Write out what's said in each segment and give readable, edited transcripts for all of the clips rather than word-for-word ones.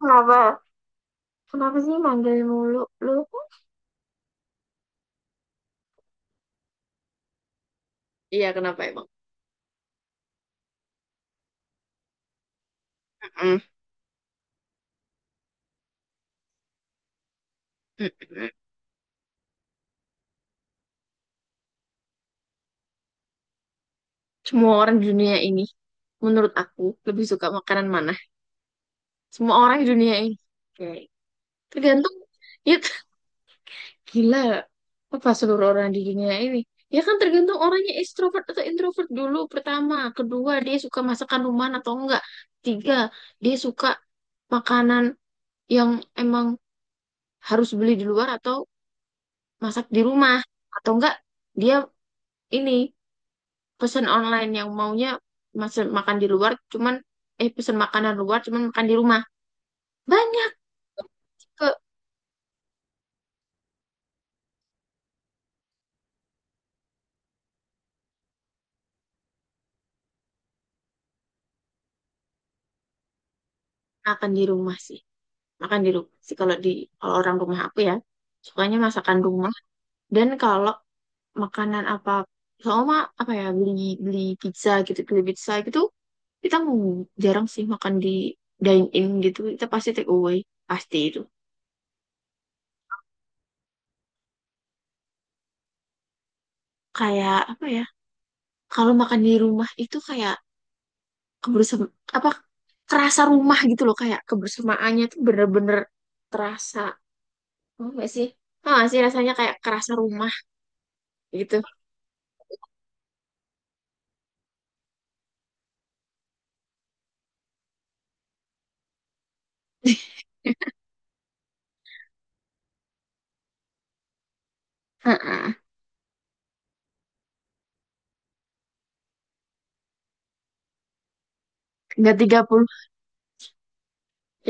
Kenapa? Kenapa sih manggil mulu? Lu kan Iya, kenapa emang? mm mm Semua orang di dunia ini, menurut aku, lebih suka makanan mana? Semua orang di dunia ini. Oke. Tergantung, ya gila. Apa seluruh orang di dunia ini? Ya kan tergantung orangnya ekstrovert atau introvert dulu pertama. Kedua, dia suka masakan rumahan atau enggak. Tiga, dia suka makanan yang emang harus beli di luar atau masak di rumah. Atau enggak, dia ini pesan online yang maunya masih makan di luar cuman, pesan makanan luar cuman makan di rumah banyak ke makan di rumah sih, makan di rumah sih kalau orang rumah aku ya sukanya masakan rumah. Dan kalau makanan apa, sama, apa ya, beli beli pizza gitu, beli pizza gitu, kita jarang sih makan di dine in gitu, kita pasti take away, pasti itu. Kayak apa ya, kalau makan di rumah itu kayak kebersama apa, terasa rumah gitu loh, kayak kebersamaannya tuh bener-bener terasa, apa nggak sih? Tau nggak sih rasanya kayak kerasa rumah gitu. Heeh. Nggak tiga puluh.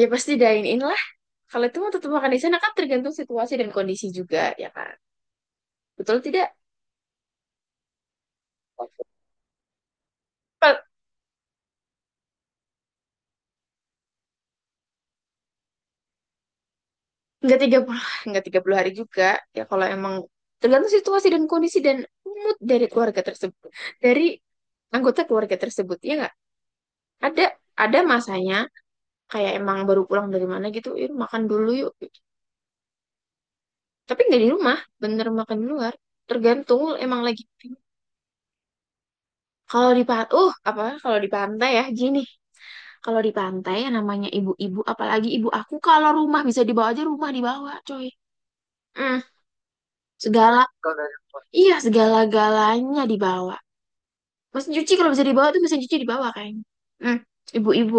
Ya pasti dine in lah, kalau itu mau tetap makan di sana kan, tergantung situasi dan kondisi juga, ya kan? Betul tidak? Kal- nggak 30 hari juga, ya kalau emang tergantung situasi dan kondisi dan mood dari keluarga tersebut, dari anggota keluarga tersebut, ya nggak ada ada masanya kayak emang baru pulang dari mana gitu, yuk makan dulu yuk gitu. Tapi nggak di rumah, bener makan di luar, tergantung emang lagi. Kalau di pantai, apa, kalau di pantai ya gini, kalau di pantai yang namanya ibu-ibu apalagi ibu aku, kalau rumah bisa dibawa aja, rumah dibawa coy. Hmm, segala iya segala-galanya dibawa, mesin cuci kalau bisa dibawa tuh mesin cuci dibawa kayaknya. Hmm, ibu-ibu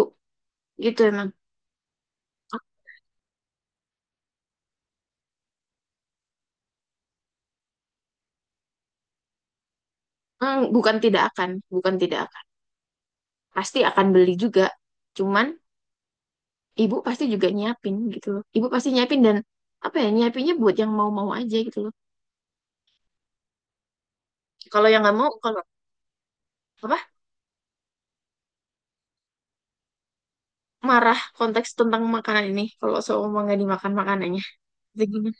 gitu emang. Hmm, bukan tidak akan pasti akan beli juga, cuman ibu pasti juga nyiapin gitu loh. Ibu pasti nyiapin, dan apa ya, nyiapinnya buat yang mau-mau aja gitu loh. Kalau yang nggak mau, kalau apa, marah konteks tentang makanan ini kalau seumpama nggak dimakan makanannya. Gitu gimana?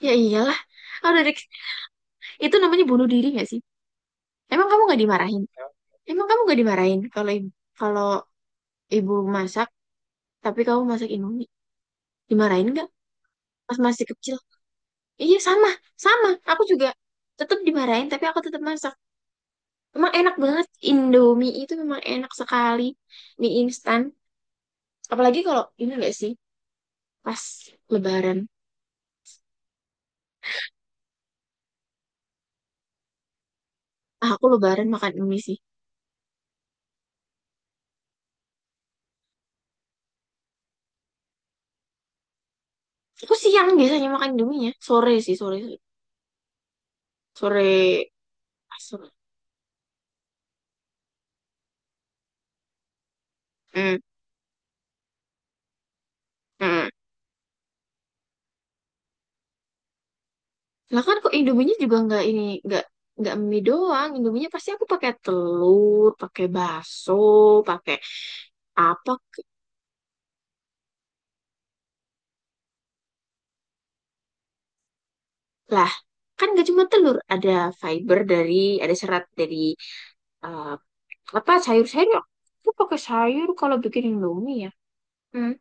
Ya iyalah. Oh, dari itu namanya bunuh diri nggak sih? emang kamu nggak dimarahin emang kamu nggak dimarahin kalau ibu masak tapi kamu masak indomie, dimarahin nggak? Pas masih kecil iya sama sama aku juga tetap dimarahin tapi aku tetap masak. Emang enak banget Indomie itu, memang enak sekali di instan. Apalagi kalau ini, enggak sih, pas Lebaran. Ah, aku Lebaran makan Indomie sih. Aku siang biasanya makan Indominya, sore sih, sore, sore, ah, sore. Hmm. Hmm. Lah kan kok Indominya juga nggak ini, nggak mie doang. Indominya pasti aku pakai telur, pakai bakso, pakai apa, lah kan gak cuma telur, fiber dari ada serat dari, eh, apa sayur-sayur ya, aku pakai sayur kalau bikin Indomie ya. Hmm.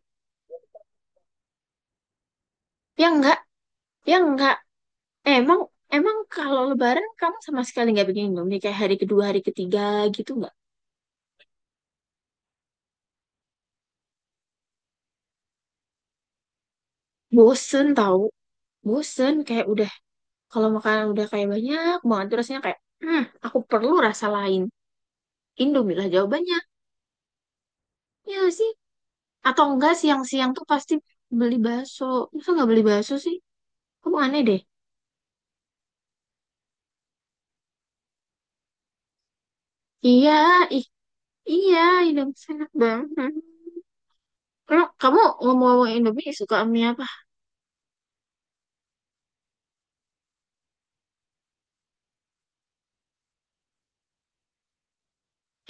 Ya enggak, ya enggak. Emang emang kalau lebaran kamu sama sekali nggak bikin Indomie kayak hari kedua, hari ketiga gitu nggak? Bosen tahu, bosen kayak udah, kalau makanan udah kayak banyak banget tuh rasanya kayak, aku perlu rasa lain. Indomie lah jawabannya. Ya nggak sih? Atau enggak siang-siang tuh pasti beli bakso. Masa nggak beli bakso sih? Kamu aneh deh. Iya, ih, iya, Indomie enak banget. Kamu ngomong-ngomong Indomie suka mie apa?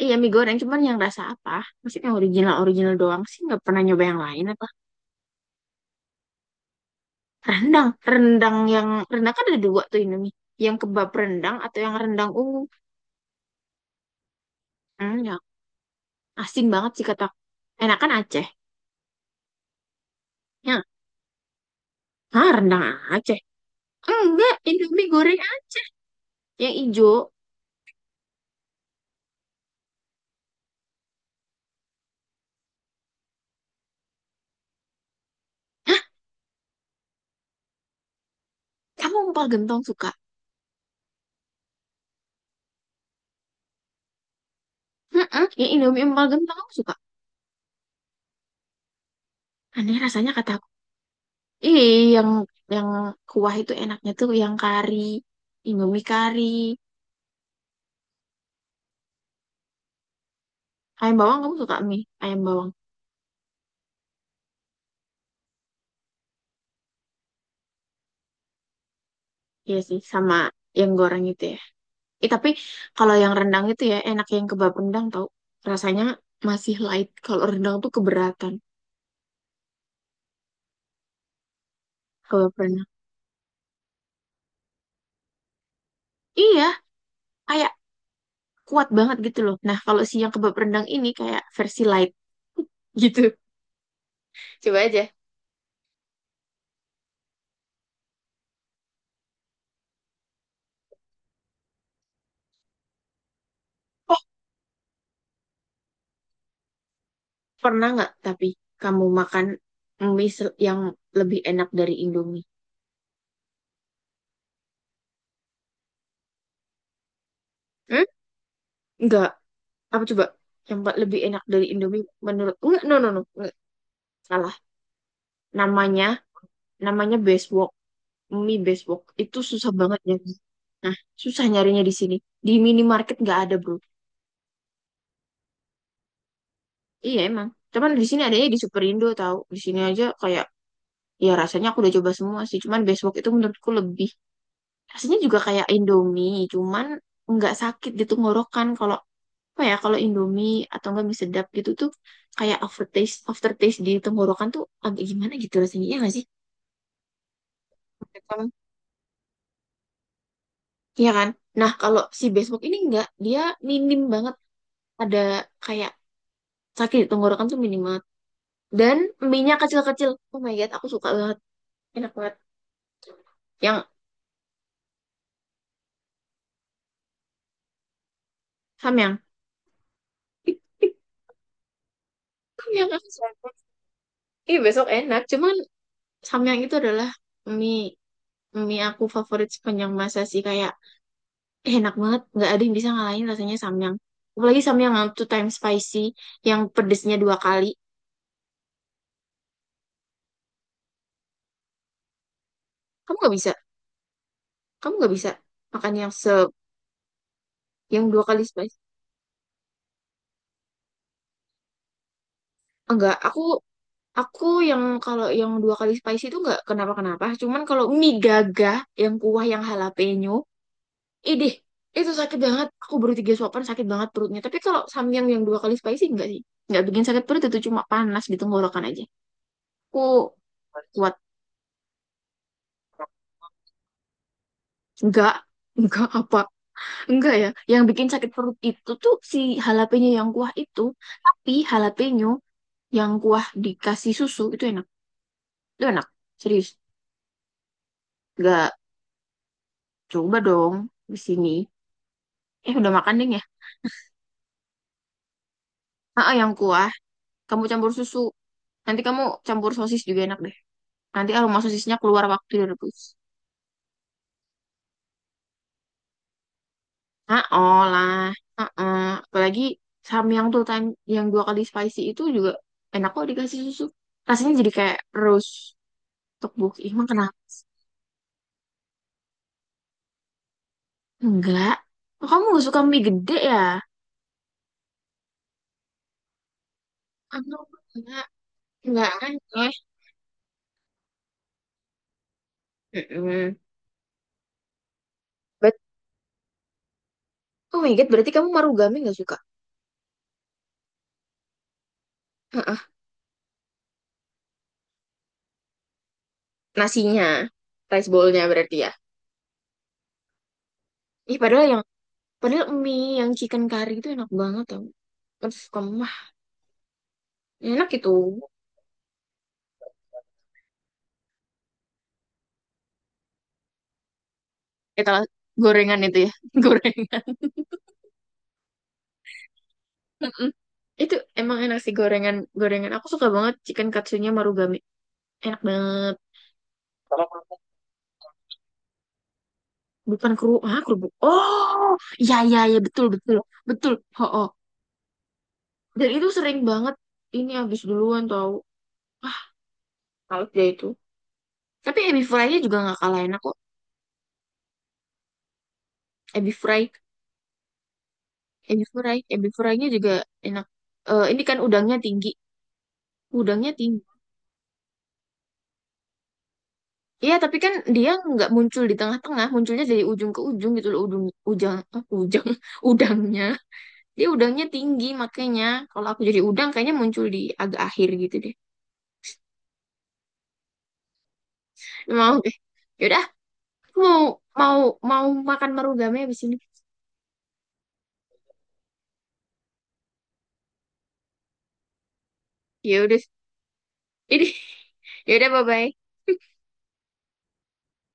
Iya mie goreng, cuman yang rasa apa? Maksudnya yang original original doang sih, nggak pernah nyoba yang lain apa? Rendang yang rendang kan ada dua tuh Indomie, yang kebab rendang atau yang rendang ungu. Hmm, ya asin banget sih, kata aku. Enakan Aceh. Ya, ah, rendang Aceh. Enggak, Indomie goreng Aceh yang ijo. Hah, kamu empal gentong suka? Heeh, yang Indomie empal gentong kamu suka? Aneh rasanya kataku. Ih, yang yang kuah itu enaknya tuh yang kari, Indomie kari, ayam bawang, kamu suka mie ayam bawang? Iya sih, sama yang goreng itu ya. Eh, tapi kalau yang rendang itu ya enak, yang kebab rendang, tau? Rasanya masih light. Kalau rendang tuh keberatan. Kebab rendang. Iya, kayak kuat banget gitu loh. Nah, kalau si yang kebab rendang ini kayak versi light gitu. Coba aja. Oh, pernah nggak tapi kamu makan mie yang lebih enak dari Indomie? Hmm? Nggak. Apa coba yang lebih enak dari Indomie menurut, enggak, no no no, enggak. Salah namanya namanya Bestwalk, mie Bestwalk itu susah banget ya. Nah, susah nyarinya di sini, di minimarket nggak ada bro. Iya emang, cuman di sini adanya di Superindo tahu, di sini aja kayak, ya rasanya aku udah coba semua sih, cuman Bestwalk itu menurutku lebih, rasanya juga kayak Indomie, cuman nggak sakit di tenggorokan. Kalau apa ya, kalau Indomie atau enggak mie sedap gitu tuh, kayak aftertaste aftertaste di tenggorokan tuh agak gimana gitu rasanya, ya nggak sih menurut kamu? Iya kan. Nah, kalau si besok ini enggak, dia minim banget ada kayak sakit di tenggorokan tuh, minim banget. Dan mie-nya kecil-kecil, oh my God, aku suka banget, enak banget, yang samyang. Samyang aku suka banget. Ih, besok enak, cuman samyang itu adalah mie mie aku favorit sepanjang masa sih kayak. Eh, enak banget, nggak ada yang bisa ngalahin rasanya samyang, apalagi samyang yang two times spicy, yang pedesnya dua kali. Kamu nggak bisa kamu nggak bisa makan yang yang dua kali spicy. Enggak, aku yang kalau yang dua kali spicy itu nggak kenapa kenapa cuman kalau mie gagah yang kuah yang jalapeno, idih, itu sakit banget, aku baru 3 suapan sakit banget perutnya, tapi kalau samyang yang dua kali spicy enggak sih, nggak bikin sakit perut, itu cuma panas di tenggorokan aja. Aku kuat. Enggak enggak apa, enggak ya, yang bikin sakit perut itu tuh si jalapeño yang kuah itu, tapi jalapeño yang kuah dikasih susu itu enak. Itu enak, serius. Enggak, coba dong di sini. Eh, udah makan deh ya? Ah, yang kuah, kamu campur susu. Nanti kamu campur sosis juga enak deh. Nanti aroma sosisnya keluar waktu direbus. Ah, olah. Ah, ah. Apalagi samyang tuh yang dua kali spicy itu juga enak kok dikasih susu. Rasanya jadi kayak terus tteokbokki. Emang kenapa? Enggak. Oh, kamu nggak suka mie gede ya? Aku enggak, enggak aneh. Mm-mm. Bet- Oh my God, berarti kamu marugame nggak suka? Heeh. Nasinya, rice bowl-nya berarti ya. Ih, padahal mie yang chicken curry itu enak banget tau. Aduh, kamu mah, enak itu. Itu gorengan itu ya, gorengan. Mm-mm. Itu emang enak sih gorengan. Gorengan aku suka banget chicken katsunya marugame. Enak banget. Bukan kerupuk, ah kerupuk. Oh, iya iya iya betul betul betul. Oh, dan itu sering banget ini habis duluan tau. Ah, kalau dia itu. Tapi ebi fry-nya juga nggak kalah enak kok. Ebi fry, ebi fry, ebi fry-nya juga enak. Eh, ini kan udangnya tinggi, udangnya tinggi. Iya, tapi kan dia nggak muncul di tengah-tengah, munculnya dari ujung ke ujung gitu loh, ujung, ujang, ah, ujang, udangnya. Dia udangnya tinggi, makanya kalau aku jadi udang kayaknya muncul di agak akhir gitu deh. Mau deh. Yaudah, aku mau mau mau makan marugame abis ini. Ya udah. Ini. Yaudah, bye-bye.